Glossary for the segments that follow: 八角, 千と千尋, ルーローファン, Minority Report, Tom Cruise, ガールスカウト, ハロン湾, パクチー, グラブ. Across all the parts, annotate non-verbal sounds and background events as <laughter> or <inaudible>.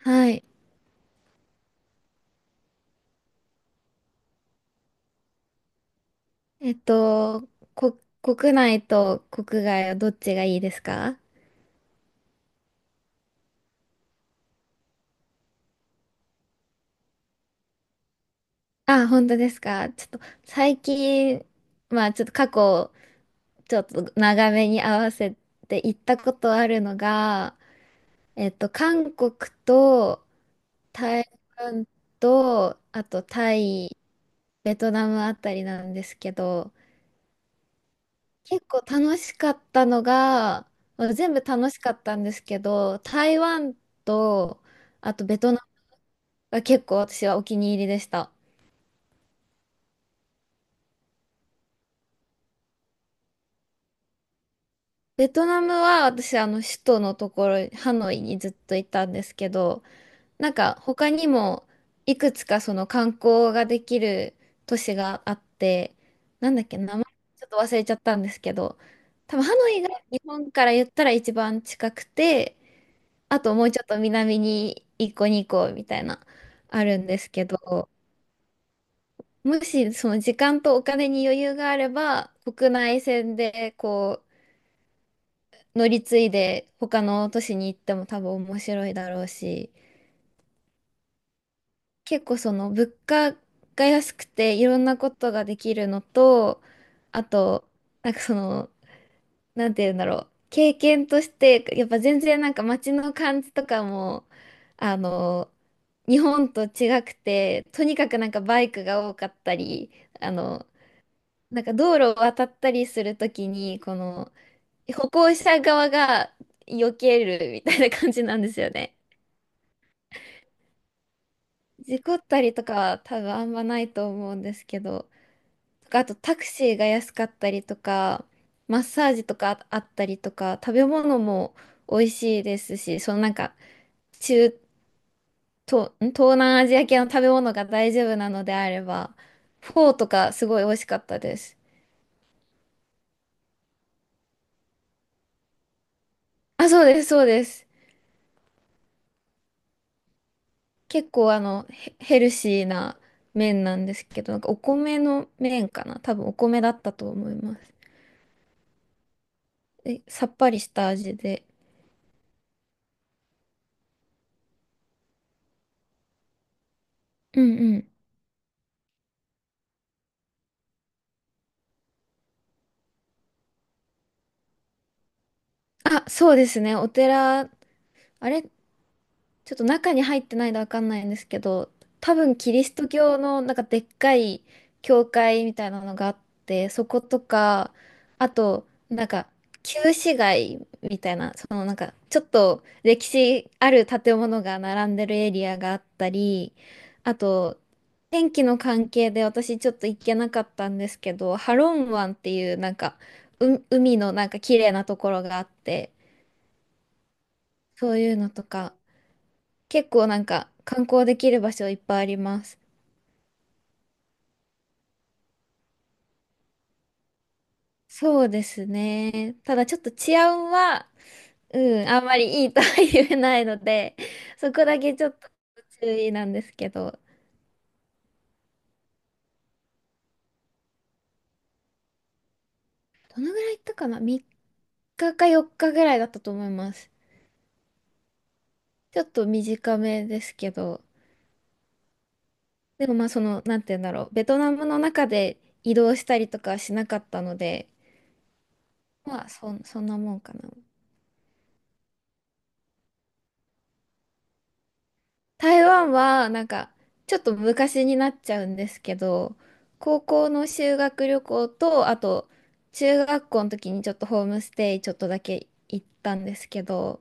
はい。えっと、国内と国外はどっちがいいですか？あ、本当ですか？ちょっと最近、まあちょっと過去、ちょっと長めに合わせて行ったことあるのが、韓国と台湾と、あとタイ、ベトナムあたりなんですけど、結構楽しかったのが、まあ全部楽しかったんですけど、台湾と、あとベトナムが結構私はお気に入りでした。ベトナムは私首都のところ、ハノイにずっといたんですけど、なんか他にもいくつかその観光ができる都市があって、なんだっけ、名前ちょっと忘れちゃったんですけど、多分ハノイが日本から言ったら一番近くて、あともうちょっと南に一個2個みたいな、あるんですけど、もしその時間とお金に余裕があれば、国内線で乗り継いで他の都市に行っても多分面白いだろうし、結構その物価が安くていろんなことができるのと、あと、なんかその、なんて言うんだろう、経験として、やっぱ全然なんか街の感じとかも、あの、日本と違くて、とにかくなんかバイクが多かったり、あの、なんか道路を渡ったりするときに、この歩行者側が避けるみたいな感じなんですよね。事故ったりとかは多分あんまないと思うんですけど、とかあとタクシーが安かったりとか、マッサージとかあったりとか、食べ物も美味しいですし、そのなんか中東、ん東南アジア系の食べ物が大丈夫なのであれば、フォーとかすごい美味しかったです。あ、そうです、そうです。結構ヘルシーな麺なんですけど、なんかお米の麺かな多分お米だったと思います。え、さっぱりした味で。うんうん。あ、そうですね。お寺、あれちょっと中に入ってないのわかんないんですけど、多分キリスト教のなんかでっかい教会みたいなのがあって、そことか、あと、なんか旧市街みたいな、そのなんかちょっと歴史ある建物が並んでるエリアがあったり、あと、天気の関係で私ちょっと行けなかったんですけど、ハロン湾っていうなんか、海のなんか綺麗なところがあって、そういうのとか、結構なんか観光できる場所いっぱいあります。そうですね。ただちょっと治安は、うん、あんまりいいとは言えないので、そこだけちょっと注意なんですけど、どのぐらい行ったかな？ 3 日か4日ぐらいだったと思います。ちょっと短めですけど、でもまあその、なんて言うんだろう、ベトナムの中で移動したりとかはしなかったので、まあそんなもんかな。台湾はなんかちょっと昔になっちゃうんですけど、高校の修学旅行とあと中学校の時にちょっとホームステイちょっとだけ行ったんですけど、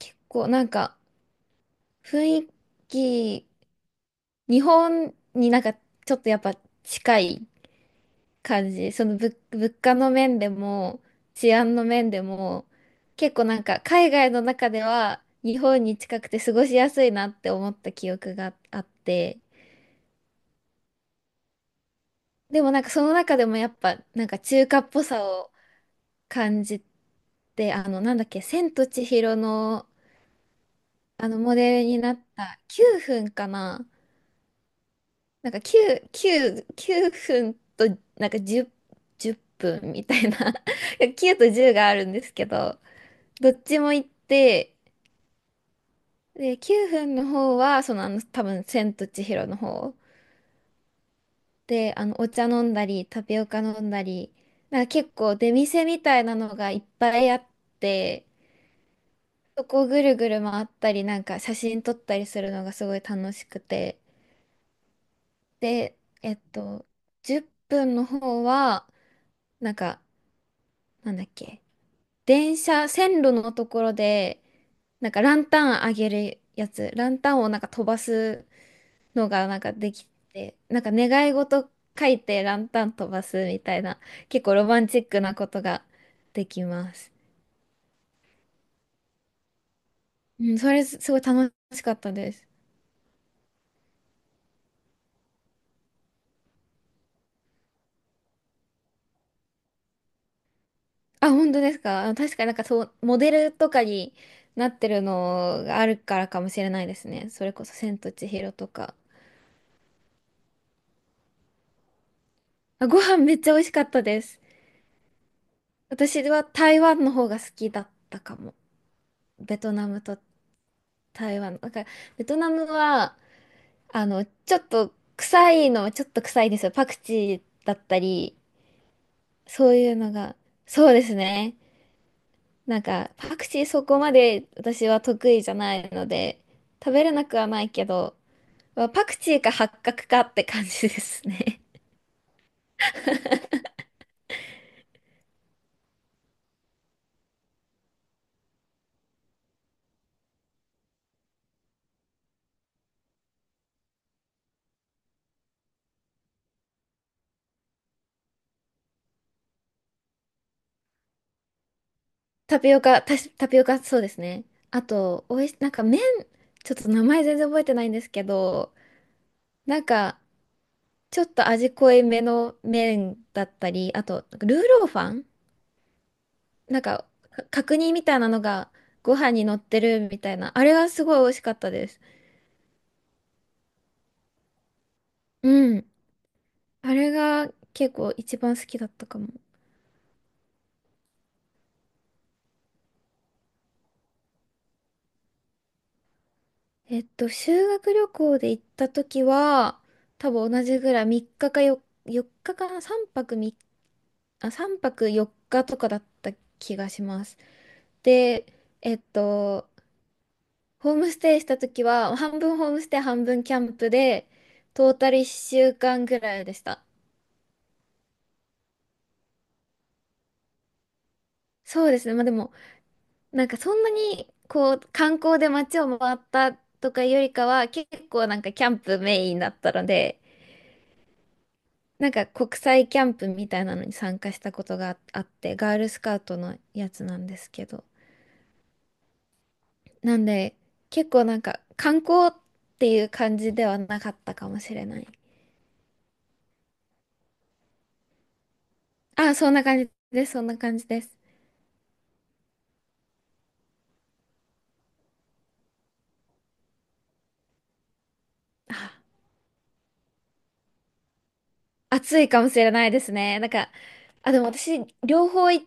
結構なんか雰囲気日本になんかちょっとやっぱ近い感じ、その物価の面でも治安の面でも結構なんか海外の中では日本に近くて過ごしやすいなって思った記憶があって。でもなんかその中でもやっぱなんか中華っぽさを感じて、なんだっけ、千と千尋のあのモデルになった9分かな。なんか9、9、9分となんか10、分みたいな <laughs>。9と10があるんですけど、どっちも行って、で、9分の方は多分千と千尋の方。で、お茶飲んだり、タピオカ飲んだり、なんか結構出店みたいなのがいっぱいあって、そこをぐるぐる回ったり、なんか写真撮ったりするのがすごい楽しくて。で、10分の方は、なんか、なんだっけ、電車、線路のところで、なんかランタンあげるやつ、ランタンをなんか飛ばすのがなんかできて、なんか願い事書いてランタン飛ばすみたいな、結構ロマンチックなことができます。うん、それすごい楽しかったです。あ、本当ですか？あ、確かになんかそう、モデルとかになってるのがあるからかもしれないですね。それこそ千と千尋とか。あ、ご飯めっちゃ美味しかったです。私は台湾の方が好きだったかも。ベトナムと台湾。なんかベトナムはちょっと臭いのはちょっと臭いですよ。パクチーだったり、そういうのが。そうですね。なんか、パクチーそこまで私は得意じゃないので、食べれなくはないけど、まあパクチーか八角かって感じですね。<laughs> タピオカ、そうですね。あと、おいし、なんか麺、ちょっと名前全然覚えてないんですけど、なんか、ちょっと味濃いめの麺だったり、あと、ルーローファン、なんか、角煮みたいなのがご飯に乗ってるみたいな。あれがすごい美味しかったです。うん。あれが結構一番好きだったかも。修学旅行で行った時は、多分同じぐらい3日かかよ4日かかな？ 3 泊3、さんぱくみあ、3泊4日とかだった気がします。で、えっと、ホームステイした時は、半分ホームステイ、半分キャンプで、トータル1週間ぐらいでした。そうですね。まあでも、なんかそんなにこう観光で街を回ったとかよりかは結構なんかキャンプメインだったので、なんか国際キャンプみたいなのに参加したことがあって、ガールスカウトのやつなんですけど、なんで結構なんか観光っていう感じではなかったかもしれない。あ、そんな感じです、そんな感じです。あ、暑いかもしれないですね、なんか、あ、でも私両方行っ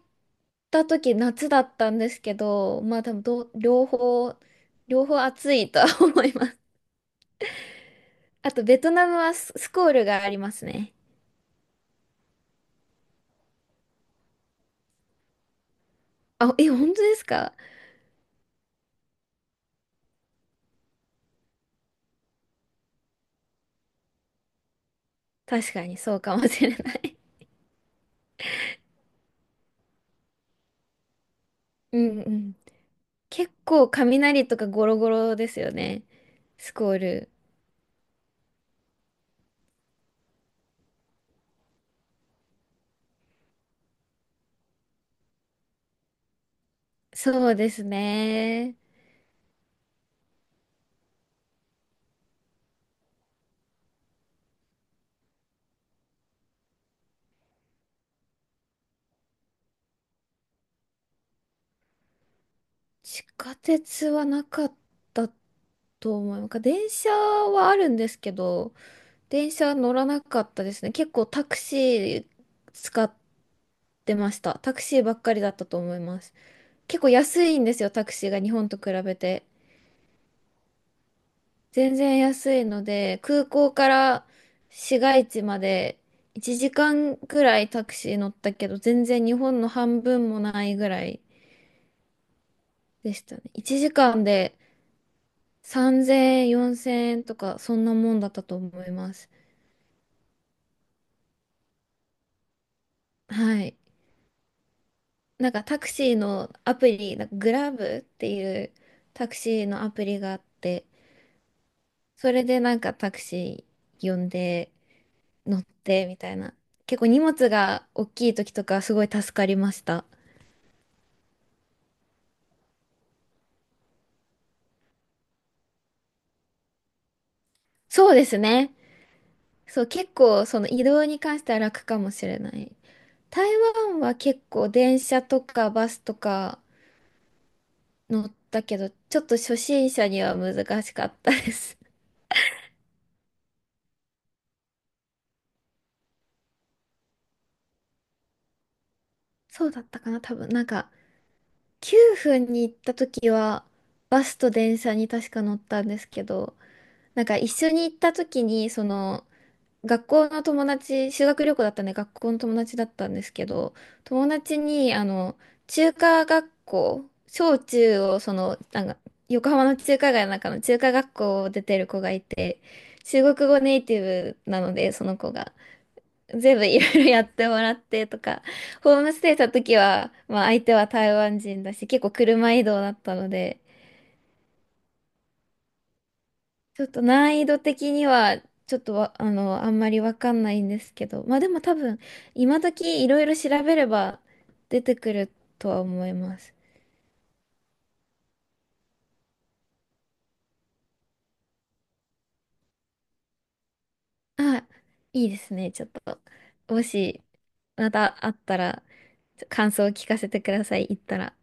た時夏だったんですけど、まあ多分両方、両方暑いとは <laughs> 思います。あとベトナムはスコールがありますね。あ、え、本当ですか？確かにそうかもしれない。<laughs> うんうん。結構雷とかゴロゴロですよね。スコール。そうですね。地下鉄はなかったと思う。なんか電車はあるんですけど、電車乗らなかったですね。結構タクシー使っ出ました。タクシーばっかりだったと思います。結構安いんですよ、タクシーが日本と比べて。全然安いので、空港から市街地まで1時間くらいタクシー乗ったけど、全然日本の半分もないぐらいでしたね。1時間で3000円、4000円とか、そんなもんだったと思います。はい。なんかタクシーのアプリ、なんかグラブっていうタクシーのアプリがあって、それでなんかタクシー呼んで乗ってみたいな。結構荷物が大きい時とかすごい助かりました。そうですね。そう、結構その移動に関しては楽かもしれない。台湾は結構電車とかバスとか乗ったけど、ちょっと初心者には難しかったです。<laughs> そうだったかな、多分。なんか9分に行った時はバスと電車に確か乗ったんですけど、なんか一緒に行った時にその学校の友達、修学旅行だったんで学校の友達だったんですけど、友達に、中華学校、小中を、その、なんか、横浜の中華街の中の中華学校を出てる子がいて、中国語ネイティブなので、その子が、全部いろいろやってもらってとか、ホームステイした時は、まあ相手は台湾人だし、結構車移動だったので、ちょっと難易度的には、ちょっとわ、あの、あんまりわかんないんですけど、まあでも多分、今時いろいろ調べれば出てくるとは思います。あ、いいですね。ちょっと、もし、またあったら、感想を聞かせてください。行ったら。